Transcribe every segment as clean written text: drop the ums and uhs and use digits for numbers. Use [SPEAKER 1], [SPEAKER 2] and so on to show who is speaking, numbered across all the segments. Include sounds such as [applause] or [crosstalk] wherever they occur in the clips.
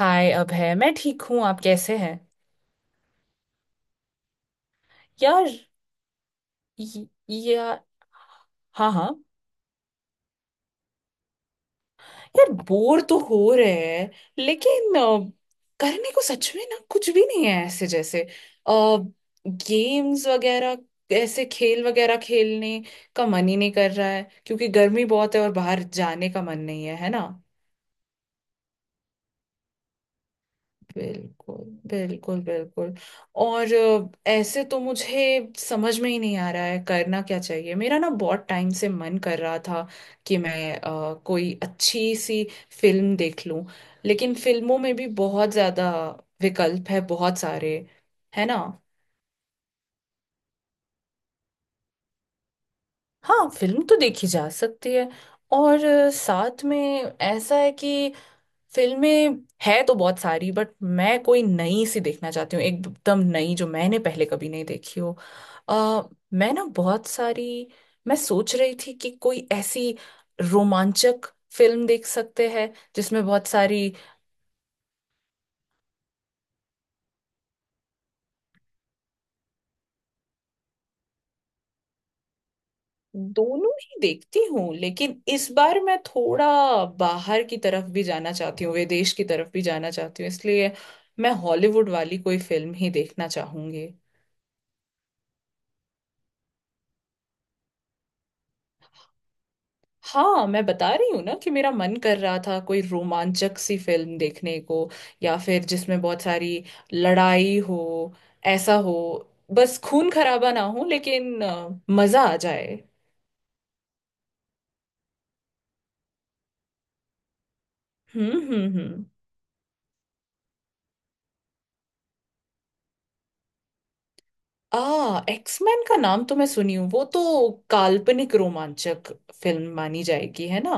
[SPEAKER 1] हाय अभय मैं ठीक हूँ आप कैसे हैं। यार या हाँ हाँ। यार बोर तो हो रहे हैं लेकिन करने को सच में ना कुछ भी नहीं है, ऐसे जैसे गेम्स वगैरह, ऐसे खेल वगैरह खेलने का मन ही नहीं कर रहा है क्योंकि गर्मी बहुत है और बाहर जाने का मन नहीं है, है ना। बिल्कुल बिल्कुल बिल्कुल। और ऐसे तो मुझे समझ में ही नहीं आ रहा है करना क्या चाहिए। मेरा ना बहुत टाइम से मन कर रहा था कि मैं कोई अच्छी सी फिल्म देख लूं, लेकिन फिल्मों में भी बहुत ज़्यादा विकल्प है, बहुत सारे, है ना। हाँ फिल्म तो देखी जा सकती है। और साथ में ऐसा है कि फिल्में है तो बहुत सारी, बट मैं कोई नई सी देखना चाहती हूँ, एकदम नई जो मैंने पहले कभी नहीं देखी हो। अ, मैं ना बहुत सारी मैं सोच रही थी कि कोई ऐसी रोमांचक फिल्म देख सकते हैं जिसमें बहुत सारी। दोनों ही देखती हूँ लेकिन इस बार मैं थोड़ा बाहर की तरफ भी जाना चाहती हूँ, विदेश की तरफ भी जाना चाहती हूँ, इसलिए मैं हॉलीवुड वाली कोई फिल्म ही देखना चाहूंगी। हाँ मैं बता रही हूँ ना कि मेरा मन कर रहा था कोई रोमांचक सी फिल्म देखने को, या फिर जिसमें बहुत सारी लड़ाई हो, ऐसा हो। बस खून खराबा ना हो, लेकिन मजा आ जाए। हम्म। आ एक्समैन का नाम तो मैं सुनी हूँ। वो तो काल्पनिक रोमांचक फिल्म मानी जाएगी, है ना।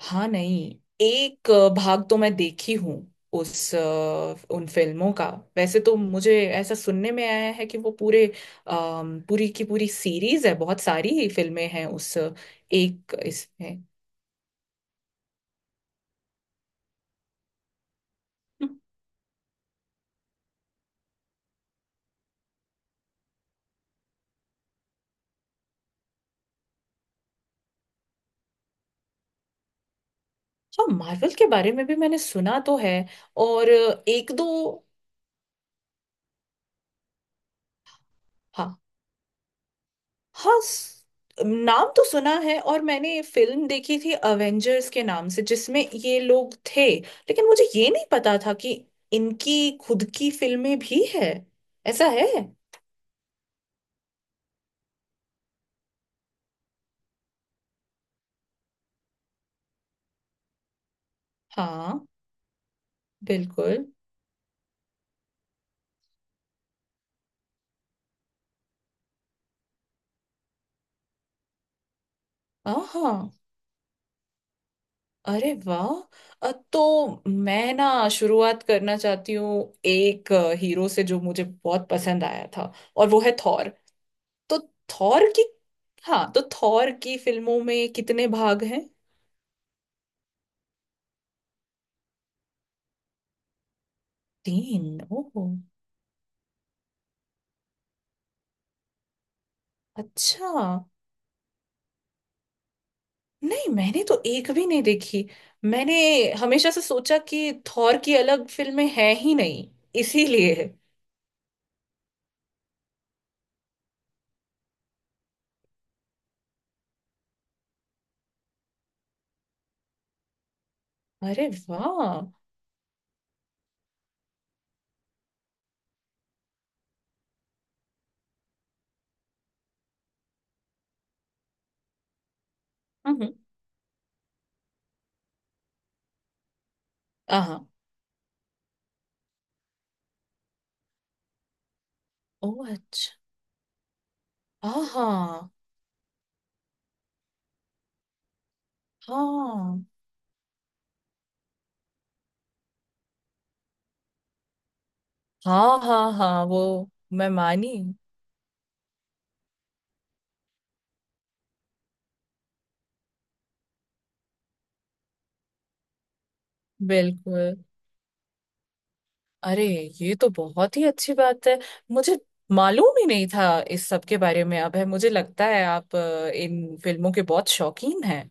[SPEAKER 1] हाँ नहीं, एक भाग तो मैं देखी हूँ उन फिल्मों का। वैसे तो मुझे ऐसा सुनने में आया है कि वो पूरे, पूरी की पूरी सीरीज है, बहुत सारी फिल्में हैं उस एक इसमें। हाँ मार्वल के बारे में भी मैंने सुना तो है। और एक दो। हाँ, हाँ नाम तो सुना है, और मैंने फिल्म देखी थी अवेंजर्स के नाम से जिसमें ये लोग थे, लेकिन मुझे ये नहीं पता था कि इनकी खुद की फिल्में भी है, ऐसा है। हाँ बिल्कुल। हाँ हाँ। अरे वाह, तो मैं ना शुरुआत करना चाहती हूँ एक हीरो से जो मुझे बहुत पसंद आया था, और वो है थॉर। तो थॉर की, हाँ, तो थॉर की फिल्मों में कितने भाग हैं। 3, ओह अच्छा। नहीं मैंने तो एक भी नहीं देखी। मैंने हमेशा से सोचा कि थॉर की अलग फिल्में हैं ही नहीं, इसीलिए। अरे वाह। हम्म। हाँ। ओ अच्छा। आहा। हाँ हाँ हाँ हाँ, हाँ, वो मैं मानी। बिल्कुल। अरे ये तो बहुत ही अच्छी बात है। मुझे मालूम ही नहीं था इस सब के बारे में। अब है, मुझे लगता है आप इन फिल्मों के बहुत शौकीन हैं।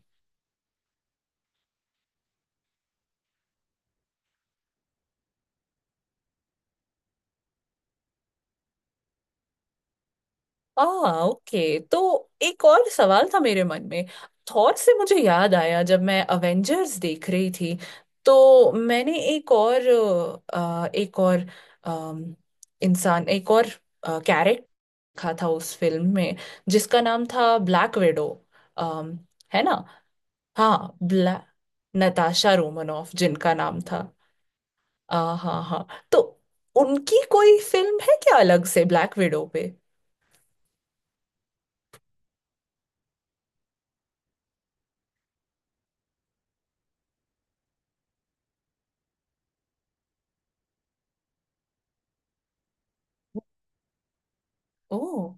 [SPEAKER 1] आ ओके तो एक और सवाल था मेरे मन में। थॉर से मुझे याद आया, जब मैं अवेंजर्स देख रही थी तो मैंने एक और अ, एक और अम, इंसान एक और कैरेक्टर देखा था उस फिल्म में जिसका नाम था ब्लैक विडो, है ना। हाँ ब्लैक, नताशा रोमनॉफ जिनका नाम था। हाँ हाँ। तो उनकी कोई फिल्म है क्या अलग से ब्लैक विडो पे। ओ।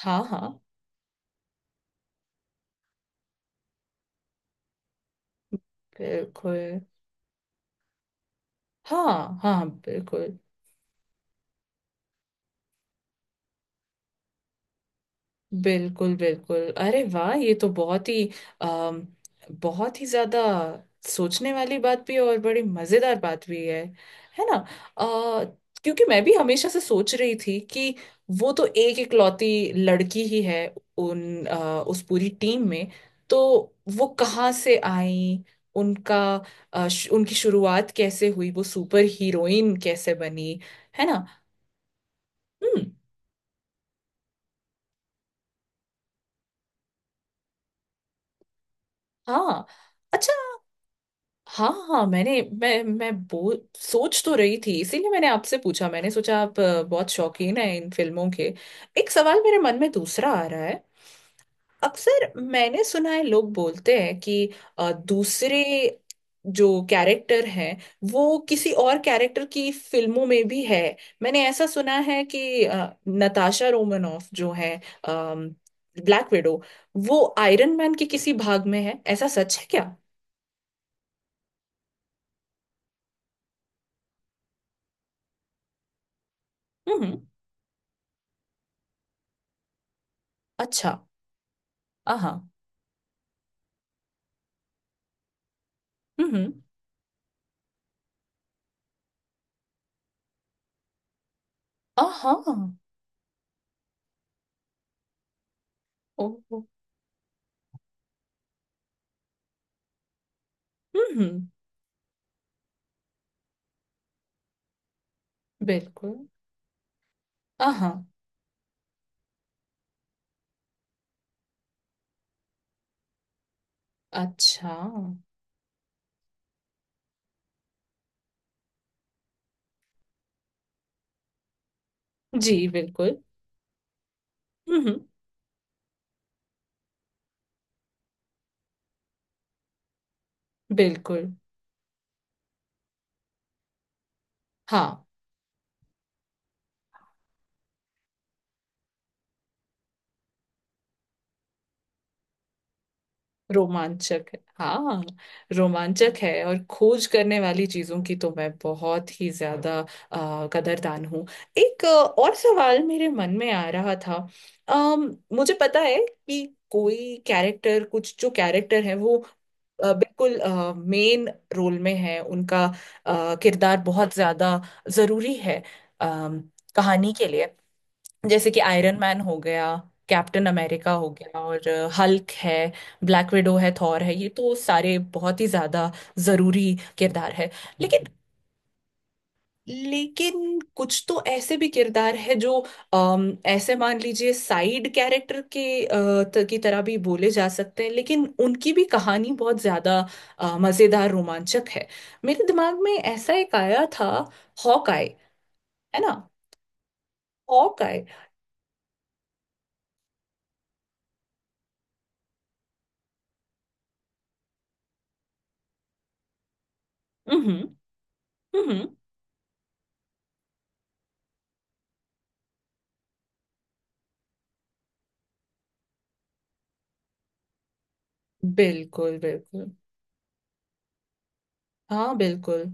[SPEAKER 1] हाँ हाँ। बिल्कुल। हाँ हाँ। बिल्कुल बिल्कुल बिल्कुल। अरे वाह ये तो बहुत ही, अम, बहुत ही ज्यादा सोचने वाली बात भी है, और बड़ी मजेदार बात भी है ना। अ, क्योंकि मैं भी हमेशा से सोच रही थी कि वो तो एक इकलौती लड़की ही है उस पूरी टीम में, तो वो कहाँ से आई। उनका उनकी शुरुआत कैसे हुई, वो सुपर हीरोइन कैसे बनी, है ना। हम्म। हाँ। अच्छा, हाँ हाँ। मैंने मैं बो सोच तो रही थी, इसीलिए मैंने आपसे पूछा, मैंने सोचा आप बहुत शौकीन हैं इन फिल्मों के। एक सवाल मेरे मन में दूसरा आ रहा है। अक्सर मैंने सुना है लोग बोलते हैं कि दूसरे जो कैरेक्टर हैं वो किसी और कैरेक्टर की फिल्मों में भी है। मैंने ऐसा सुना है कि नताशा रोमनॉफ जो है, ब्लैक विडो, वो आयरन मैन के किसी भाग में है, ऐसा सच है क्या। हम्म। अच्छा। हाँ। हम्म। हाँ। ओह। हम्म। बिल्कुल। हाँ। अच्छा। जी बिल्कुल। हम्म। बिल्कुल। हाँ। रोमांचक है, हाँ। रोमांचक है, और खोज करने वाली चीजों की तो मैं बहुत ही ज्यादा कदरदान हूँ। एक और सवाल मेरे मन में आ रहा था। मुझे पता है कि कोई कैरेक्टर, कुछ जो कैरेक्टर है वो बिल्कुल मेन रोल में है, उनका किरदार बहुत ज्यादा जरूरी है अम, कहानी के लिए। जैसे कि आयरन मैन हो गया, कैप्टन अमेरिका हो गया, और हल्क है, ब्लैक विडो है, थॉर है, ये तो सारे बहुत ही ज्यादा जरूरी किरदार है। लेकिन, लेकिन कुछ तो ऐसे भी किरदार है जो ऐसे मान लीजिए साइड कैरेक्टर के अ, की तरह भी बोले जा सकते हैं, लेकिन उनकी भी कहानी बहुत ज्यादा मजेदार रोमांचक है। मेरे दिमाग में ऐसा एक आया था, हॉकाई, है ना। हॉकाई। हम्म हम्म हम्म। बिल्कुल बिल्कुल। हाँ बिल्कुल।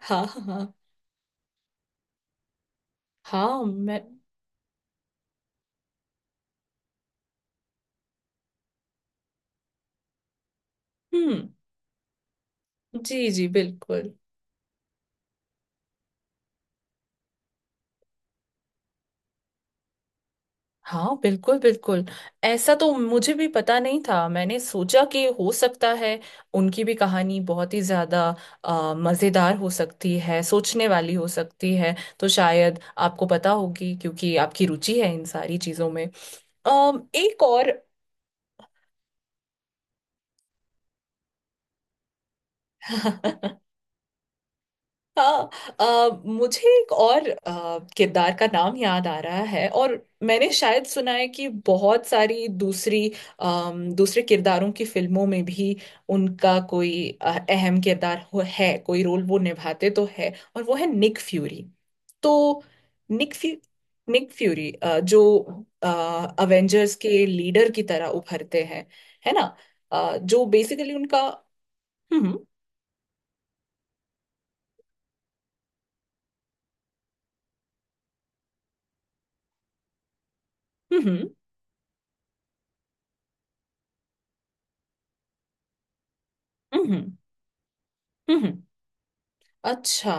[SPEAKER 1] हाँ हाँ हाँ हाँ, मैं। हम्म। जी जी बिल्कुल। हाँ बिल्कुल बिल्कुल। ऐसा तो मुझे भी पता नहीं था, मैंने सोचा कि हो सकता है उनकी भी कहानी बहुत ही ज्यादा मजेदार हो सकती है, सोचने वाली हो सकती है। तो शायद आपको पता होगी क्योंकि आपकी रुचि है इन सारी चीजों में। अम, एक और [laughs] हाँ। मुझे एक और किरदार का नाम याद आ रहा है, और मैंने शायद सुना है कि बहुत सारी दूसरी, दूसरे किरदारों की फिल्मों में भी उनका कोई अहम किरदार हो, है कोई रोल वो निभाते तो है, और वो है निक फ्यूरी। तो निक फ्यू निक फ्यूरी जो अवेंजर्स के लीडर की तरह उभरते हैं, है ना। जो बेसिकली उनका, हम्म हम्म हम्म हम्म हम्म हम्म, अच्छा।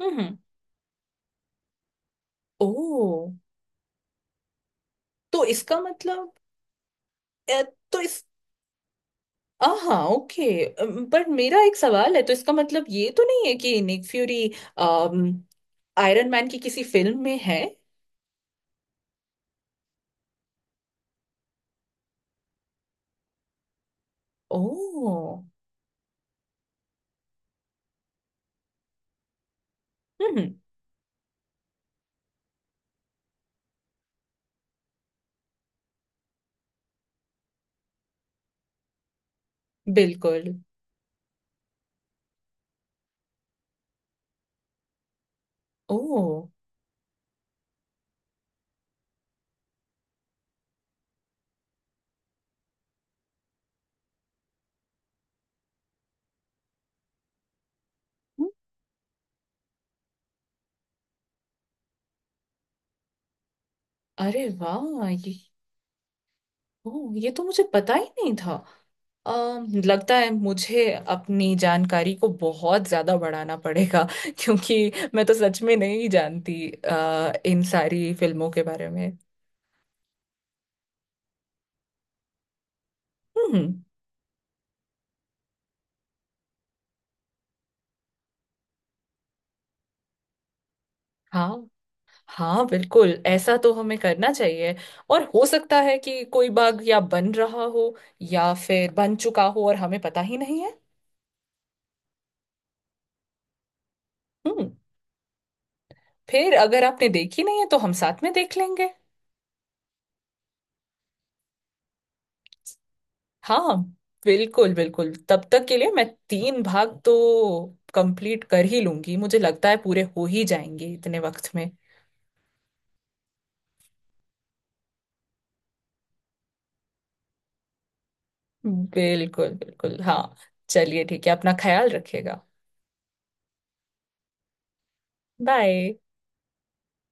[SPEAKER 1] हम्म। ओ, तो इसका मतलब, अ, तो इस, हाँ ओके, पर मेरा एक सवाल है, तो इसका मतलब ये तो नहीं है कि निक फ्यूरी आयरन मैन की किसी फिल्म में है। ओ। हम्म। बिल्कुल। ओ। हम्म। अरे वाह ये, ओ ये तो मुझे पता ही नहीं था। लगता है मुझे अपनी जानकारी को बहुत ज्यादा बढ़ाना पड़ेगा [laughs] क्योंकि मैं तो सच में नहीं जानती इन सारी फिल्मों के बारे में। हम्म। हाँ हाँ बिल्कुल, ऐसा तो हमें करना चाहिए। और हो सकता है कि कोई बाग या बन रहा हो, या फिर बन चुका हो और हमें पता ही नहीं है। हम्म। फिर अगर आपने देखी नहीं है तो हम साथ में देख लेंगे। हाँ बिल्कुल बिल्कुल। तब तक के लिए मैं 3 भाग तो कंप्लीट कर ही लूंगी, मुझे लगता है पूरे हो ही जाएंगे इतने वक्त में। बिल्कुल बिल्कुल हाँ। चलिए ठीक है, अपना ख्याल रखिएगा। बाय।